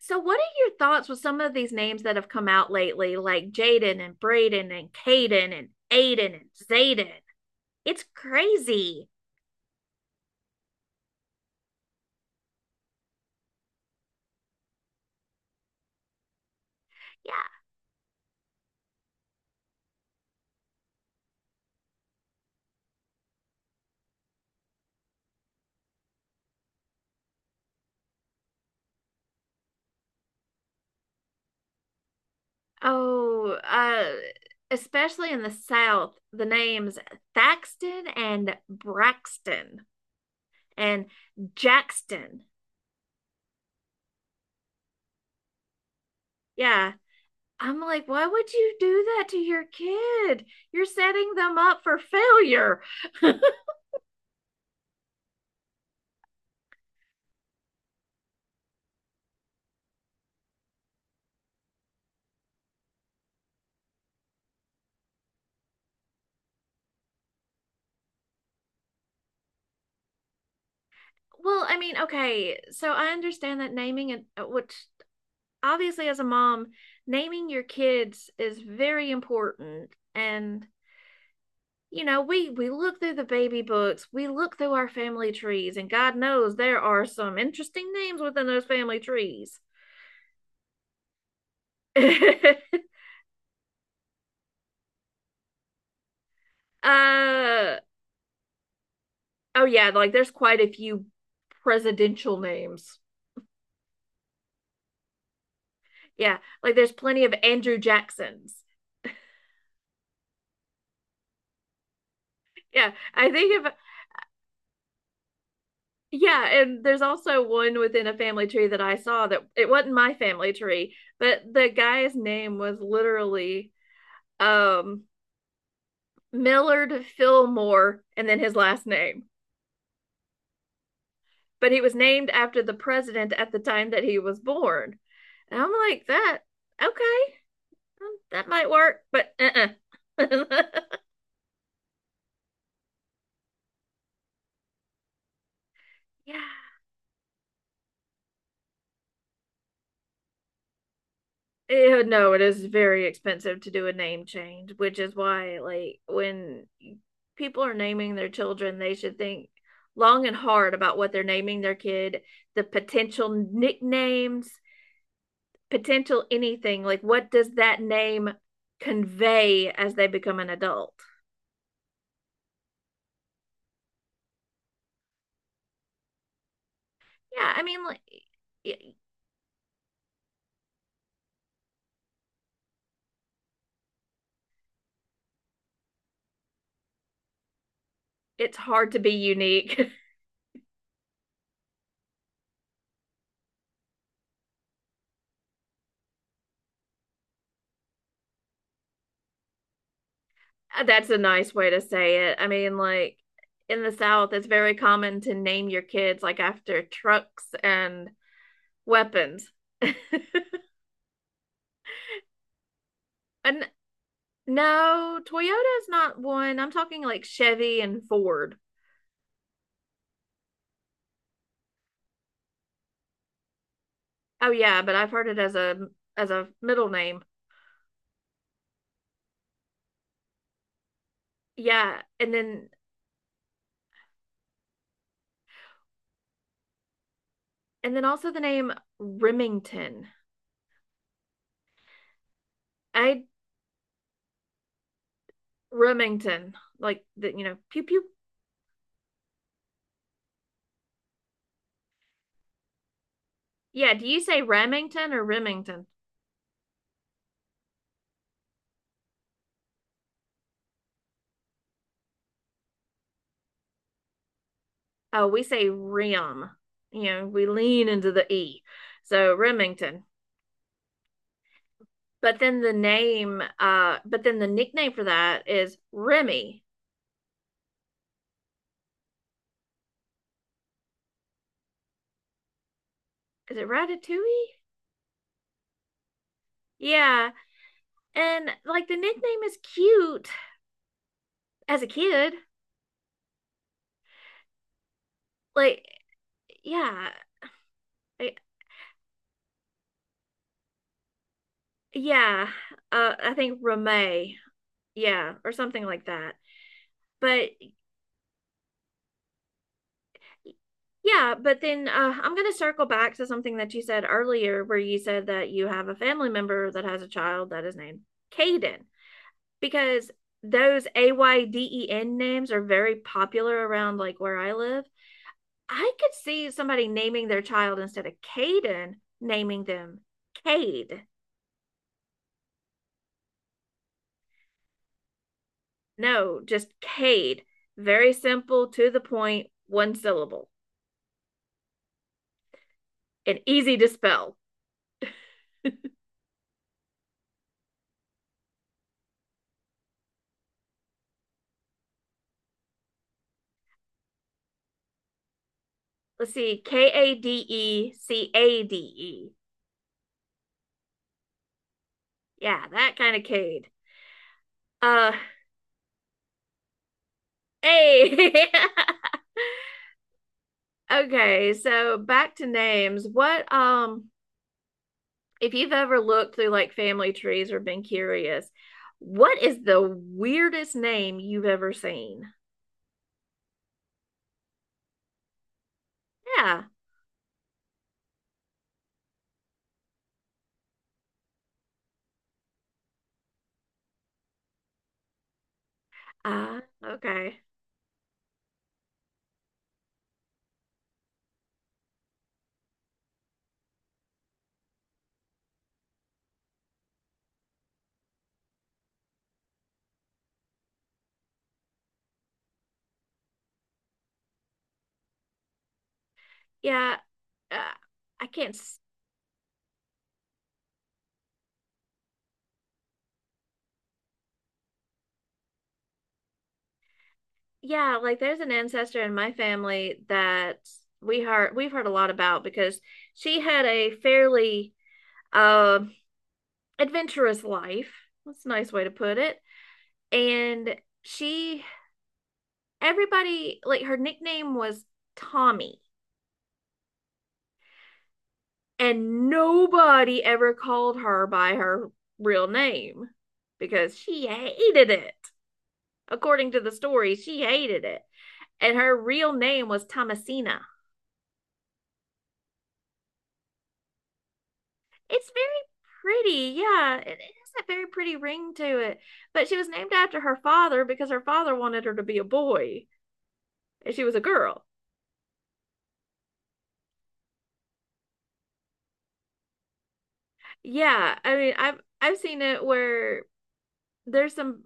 So, what are your thoughts with some of these names that have come out lately, like Jaden and Braden and Caden and Aiden and Zayden? It's crazy. Yeah. Oh, especially in the South, the names Thaxton and Braxton and Jackston. Yeah. I'm like, why would you do that to your kid? You're setting them up for failure. Well, I mean, okay, so I understand that naming and which obviously as a mom naming your kids is very important, and you know we look through the baby books, we look through our family trees, and god knows there are some interesting names within those family trees. uh oh yeah, like there's quite a few presidential names. Yeah, like there's plenty of Andrew Jacksons. Yeah, I think if. Yeah, and there's also one within a family tree that I saw, that it wasn't my family tree, but the guy's name was literally um Millard Fillmore and then his last name. But he was named after the president at the time that he was born. And I'm like, that okay, that might work, but uh-uh. Yeah. Eh, no, it is very expensive to do a name change, which is why, like, when people are naming their children, they should think long and hard about what they're naming their kid, the potential nicknames, potential anything. Like, what does that name convey as they become an adult? Yeah, I mean, like, it, it's hard to be unique. That's a nice way to say it. I mean, like in the South, it's very common to name your kids like after trucks and weapons. And no, Toyota's not one. I'm talking like Chevy and Ford. Oh yeah, but I've heard it as a middle name. Yeah, and then also the name Remington. I Remington, like the pew pew. Yeah, do you say Remington or Remington? Oh, we say rim. You know, we lean into the E. So Remington. But then the name, but then the nickname for that is Remy. Is it Ratatouille? Yeah. And like the nickname is cute as a kid. Like, yeah. I- yeah. I think Remy. Yeah. Or something like that. But yeah, but then I'm going to circle back to something that you said earlier, where you said that you have a family member that has a child that is named Caden, because those AYDEN names are very popular around like where I live. I could see somebody naming their child instead of Caden, naming them Cade. No, just Cade. Very simple, to the point, one syllable, and easy to spell. Let's see, Kade Cade. Yeah, that kind of kid. Uh, hey. Okay, so back to names. What if you've ever looked through like family trees or been curious, what is the weirdest name you've ever seen? Yeah. Okay. Yeah. Uh, I can't s- yeah, like there's an ancestor in my family that we've heard a lot about because she had a fairly um adventurous life. That's a nice way to put it. And she everybody like her nickname was Tommy, and nobody ever called her by her real name because she hated it. According to the story, she hated it. And her real name was Thomasina. It's very pretty. Yeah, it has a very pretty ring to it. But she was named after her father because her father wanted her to be a boy and she was a girl. Yeah, I mean, I've seen it where there's some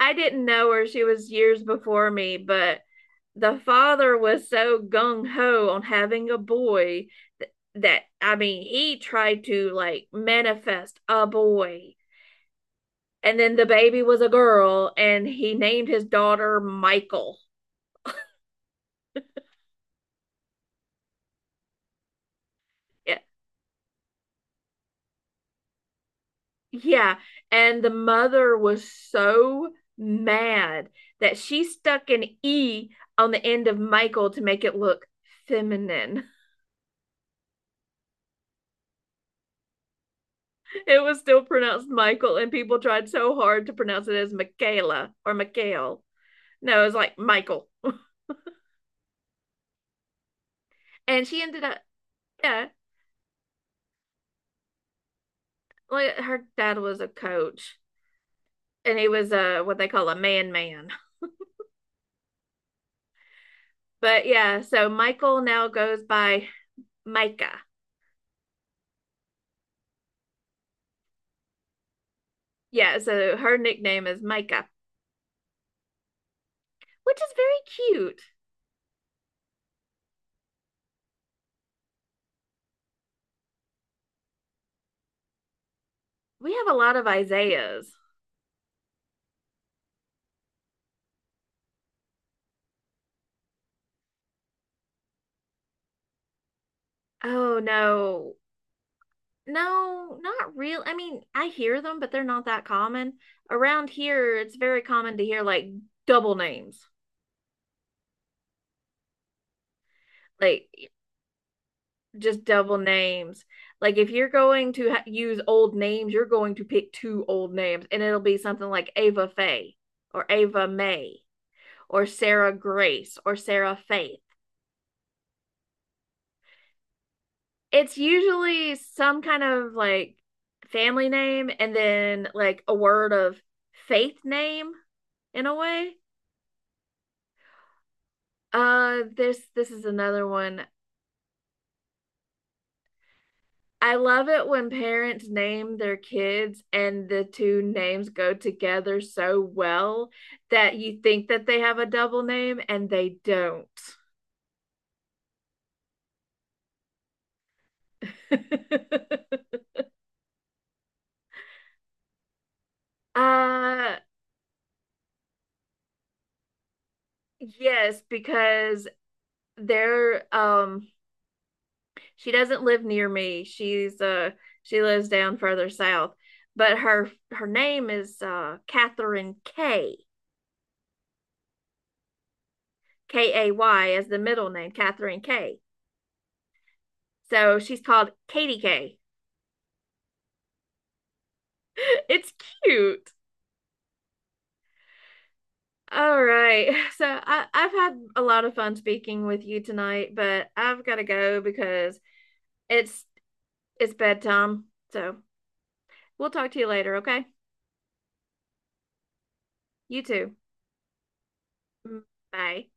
I didn't know her. She was years before me, but the father was so gung ho on having a boy, th- that, I mean, he tried to like manifest a boy. And then the baby was a girl, and he named his daughter Michael. Yeah. Yeah. And the mother was so mad that she stuck an E on the end of Michael to make it look feminine. It was still pronounced Michael, and people tried so hard to pronounce it as Michaela or Michael. No, it was like Michael. And she ended up, yeah, like her dad was a coach, and he was a what they call a man man. But yeah, so Michael now goes by Micah. Yeah, so her nickname is Micah, which is very cute. We have a lot of Isaiahs. Oh no, no, not real. I mean, I hear them, but they're not that common. Around here, it's very common to hear like double names, like just double names. Like if you're going to ha use old names, you're going to pick two old names, and it'll be something like Ava Faye or Ava May or Sarah Grace or Sarah Faith. It's usually some kind of like family name and then like a word of faith name in a way. This is another one. I love it when parents name their kids and the two names go together so well that you think that they have a double name and they don't. uh, yes, because they're she doesn't live near me. She's she lives down further south, but her name is Catherine K. Kay as the middle name, Catherine K. So she's called Katie K. It's cute. All right. So I've had a lot of fun speaking with you tonight, but I've got to go because it's bedtime. So we'll talk to you later, okay? You too. Mm, bye.